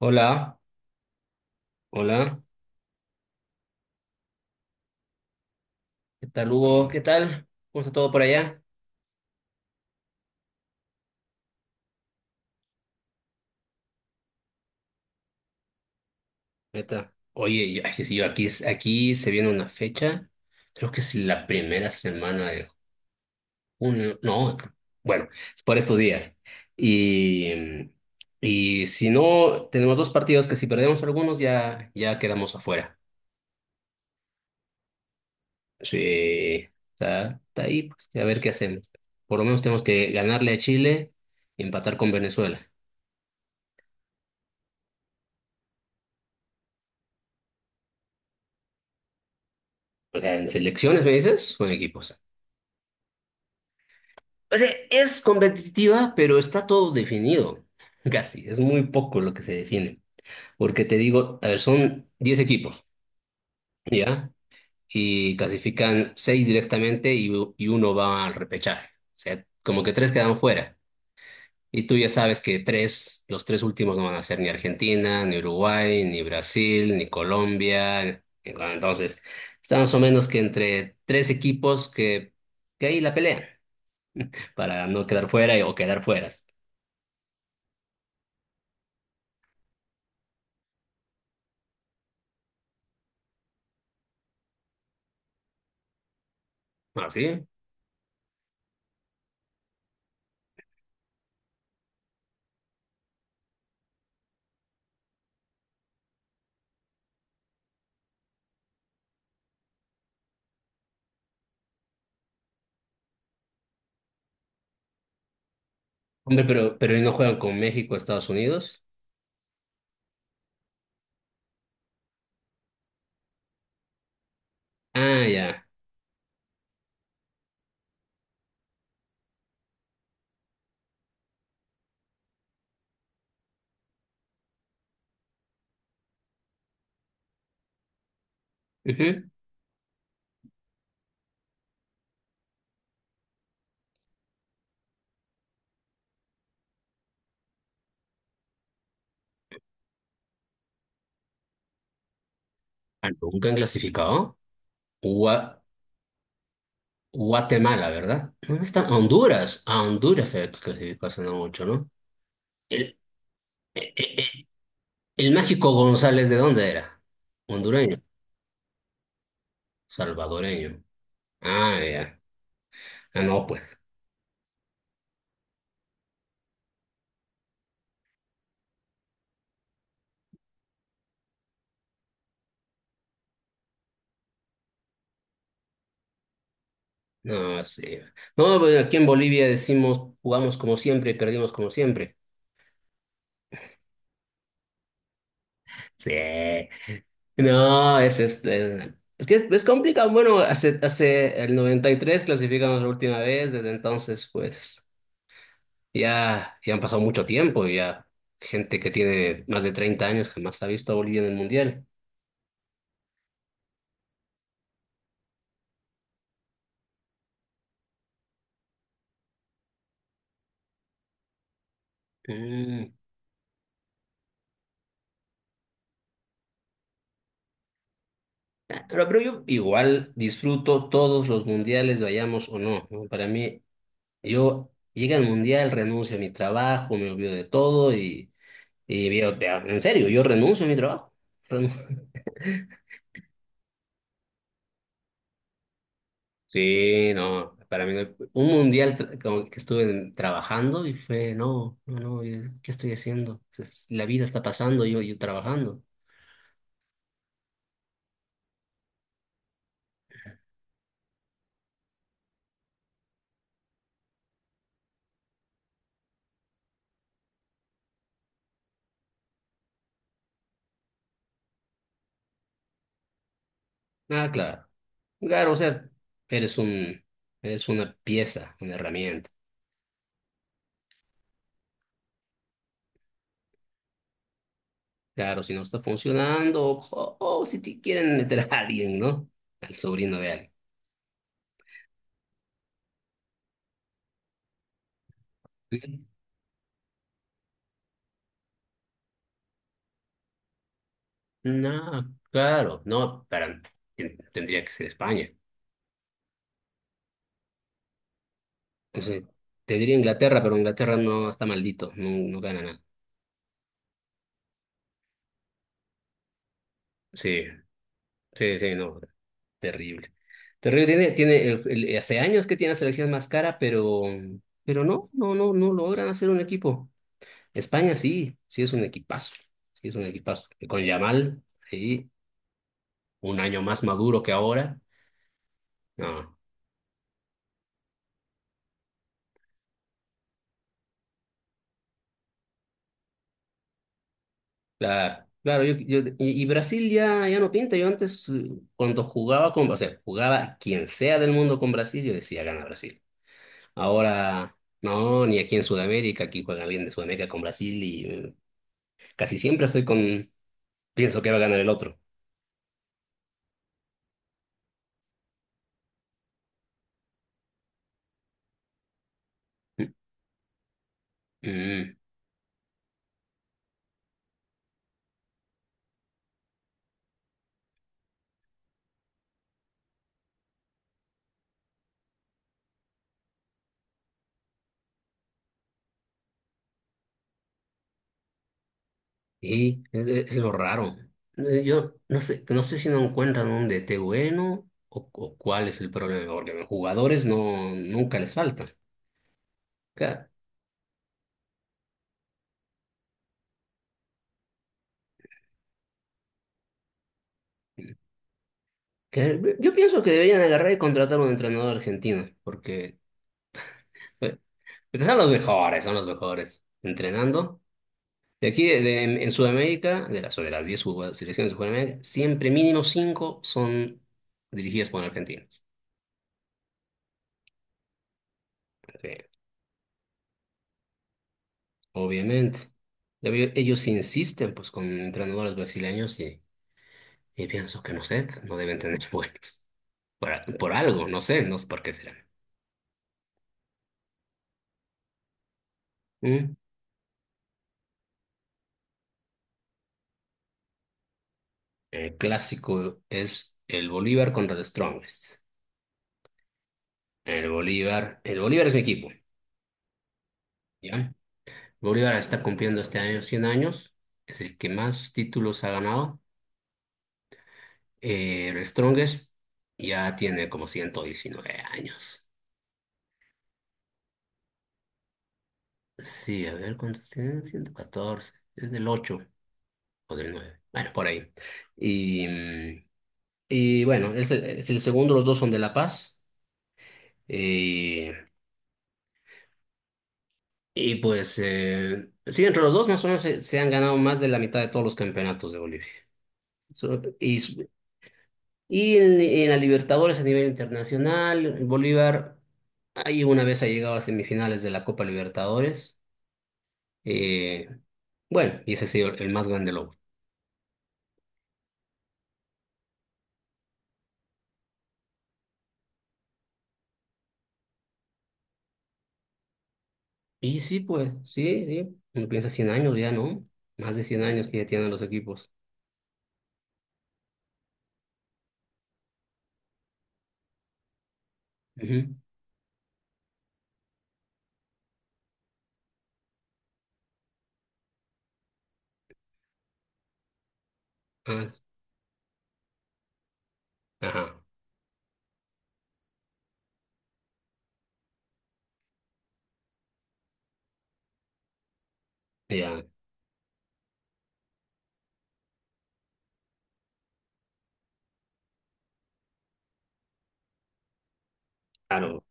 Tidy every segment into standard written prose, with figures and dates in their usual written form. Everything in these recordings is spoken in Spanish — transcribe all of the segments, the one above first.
Hola, hola, ¿qué tal, Hugo? ¿Qué tal? ¿Cómo está todo por allá? Neta. Oye, ay, que sí, yo aquí, aquí se viene una fecha, creo que es la primera semana de junio, no, bueno, es por estos días. Y, y si no, tenemos dos partidos que si perdemos algunos ya, ya quedamos afuera. Sí, está ahí, pues a ver qué hacemos. Por lo menos tenemos que ganarle a Chile y empatar con Venezuela. O sea, ¿en selecciones me dices o en equipos? O sea, es competitiva, pero está todo definido, casi. Es muy poco lo que se define. Porque te digo, a ver, son 10 equipos, ¿ya? Y clasifican 6 directamente y, y uno va al repechaje. O sea, como que tres quedan fuera. Y tú ya sabes que tres, los tres últimos no van a ser ni Argentina, ni Uruguay, ni Brasil, ni Colombia. Entonces, está más o menos que entre tres equipos que ahí la pelean para no quedar fuera o quedar fueras. Así. Hombre, pero ¿no juegan con México, Estados Unidos? Ah, ya. Ujú. Ah, ¿nunca han clasificado? Gua- Guatemala, ¿verdad? ¿Dónde están? Honduras. A Honduras se clasificó hace no mucho, ¿no? El, eh, eh, eh, el mágico González, ¿de dónde era? Hondureño, salvadoreño. Ah, ya. Ah, no, pues. No, sí. No, pues aquí en Bolivia decimos, jugamos como siempre y perdimos como siempre. Sí. No, es este. Es que es complicado. Bueno, hace el 93 clasificamos la última vez. Desde entonces, pues ya, ya han pasado mucho tiempo. Y ya gente que tiene más de 30 años jamás ha visto a Bolivia en el mundial. Mm. Pero yo igual disfruto todos los mundiales, vayamos o no, ¿no? Para mí, yo llega el mundial, renuncio a mi trabajo, me olvido de todo y veo, en serio, yo renuncio a mi trabajo. Sí, no, para mí un mundial como que estuve trabajando y fue, no, no, no, es- ¿qué estoy haciendo? La vida está pasando, yo trabajando. Ah, claro, claro, o sea, eres eres una pieza, una herramienta. Claro, si no está funcionando o si te quieren meter a alguien, ¿no? Al sobrino de alguien. Sí. No, claro, no, para, tendría que ser España. O sea, te diría Inglaterra, pero Inglaterra no está maldito, no, no gana nada. Sí, sí, sí, no, terrible. Terrible, tiene, tiene, hace años que tiene la selección más cara, pero, pero no logran hacer un equipo. España sí, sí es un equipazo, sí es un equipazo. Y con Yamal, sí, un año más maduro que ahora. No, claro, claro, yo, y Brasil ya, ya no pinta. Yo antes, cuando jugaba con, o sea, jugaba quien sea del mundo con Brasil, yo decía, gana Brasil. Ahora... No, ni aquí en Sudamérica, aquí juega alguien de Sudamérica con Brasil. Casi siempre estoy pienso que va a ganar el otro. Mm. Y es lo raro. Yo no sé, no sé si no encuentran un DT bueno o cuál es el problema, porque los jugadores no, nunca les faltan. Ca- yo pienso que deberían agarrar y contratar a un entrenador argentino, porque, eh, porque son los mejores entrenando. De aquí, en Sudamérica, de las 10 selecciones de Sudamérica, siempre mínimo 5 son dirigidas por argentinos. Sí, obviamente. Ya ellos insisten pues con entrenadores brasileños y pienso que no sé, no deben tener buenos. Por, por algo, no sé, no sé por qué será. Mm. El clásico es el Bolívar contra el Strongest. El Bolívar es mi equipo, ¿ya? Bolívar está cumpliendo este año 100 años, es el que más títulos ha ganado. El Strongest ya tiene como 119 años. Sí, a ver, ¿cuántos tiene? 114, es del 8 o del nueve. Bueno, por ahí. Y, y bueno, es el segundo, los dos son de La Paz. Y, y pues, sí, entre los dos más o menos se, se han ganado más de la mitad de todos los campeonatos de Bolivia. So- Y, su- y en la Libertadores a nivel internacional, Bolívar ahí una vez ha llegado a semifinales de la Copa Libertadores. Eh, bueno, y ese ha sido el más grande logro. Y sí, pues, sí, sí. Uno piensa 100 años ya, ¿no? Más de 100 años que ya tienen los equipos. Ujú. Ah, s- ajá, ya, claro.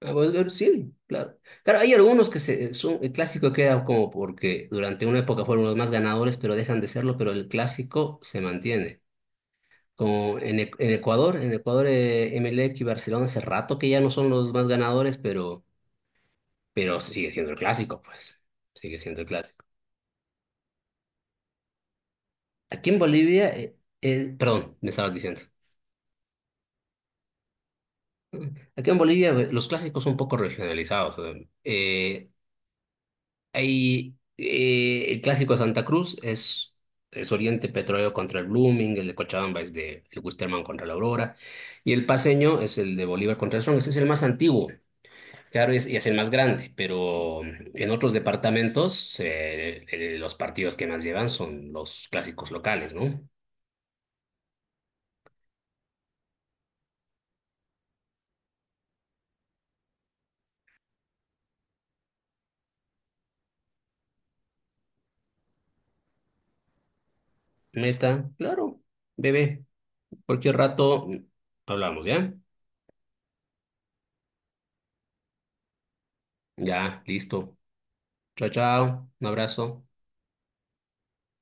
Ah, bueno, pero sí, claro. Claro, hay algunos que se, son, el clásico queda como porque durante una época fueron los más ganadores, pero dejan de serlo, pero el clásico se mantiene. En Ecuador, Emelec y Barcelona hace rato que ya no son los más ganadores, pero sigue siendo el clásico, pues. Sigue siendo el clásico. Aquí en Bolivia, perdón, me estabas diciendo. Aquí en Bolivia, los clásicos son un poco regionalizados. eh, Hay el clásico de Santa Cruz es Oriente Petrolero contra el Blooming, el de Cochabamba es de el Wisterman contra la Aurora, y el paseño es el de Bolívar contra el Strong, ese es el más antiguo, claro, y es el más grande, pero en otros departamentos los partidos que más llevan son los clásicos locales, ¿no? Meta, claro, bebé, cualquier rato hablamos, ¿ya? Ya, listo. Chao, chao, un abrazo.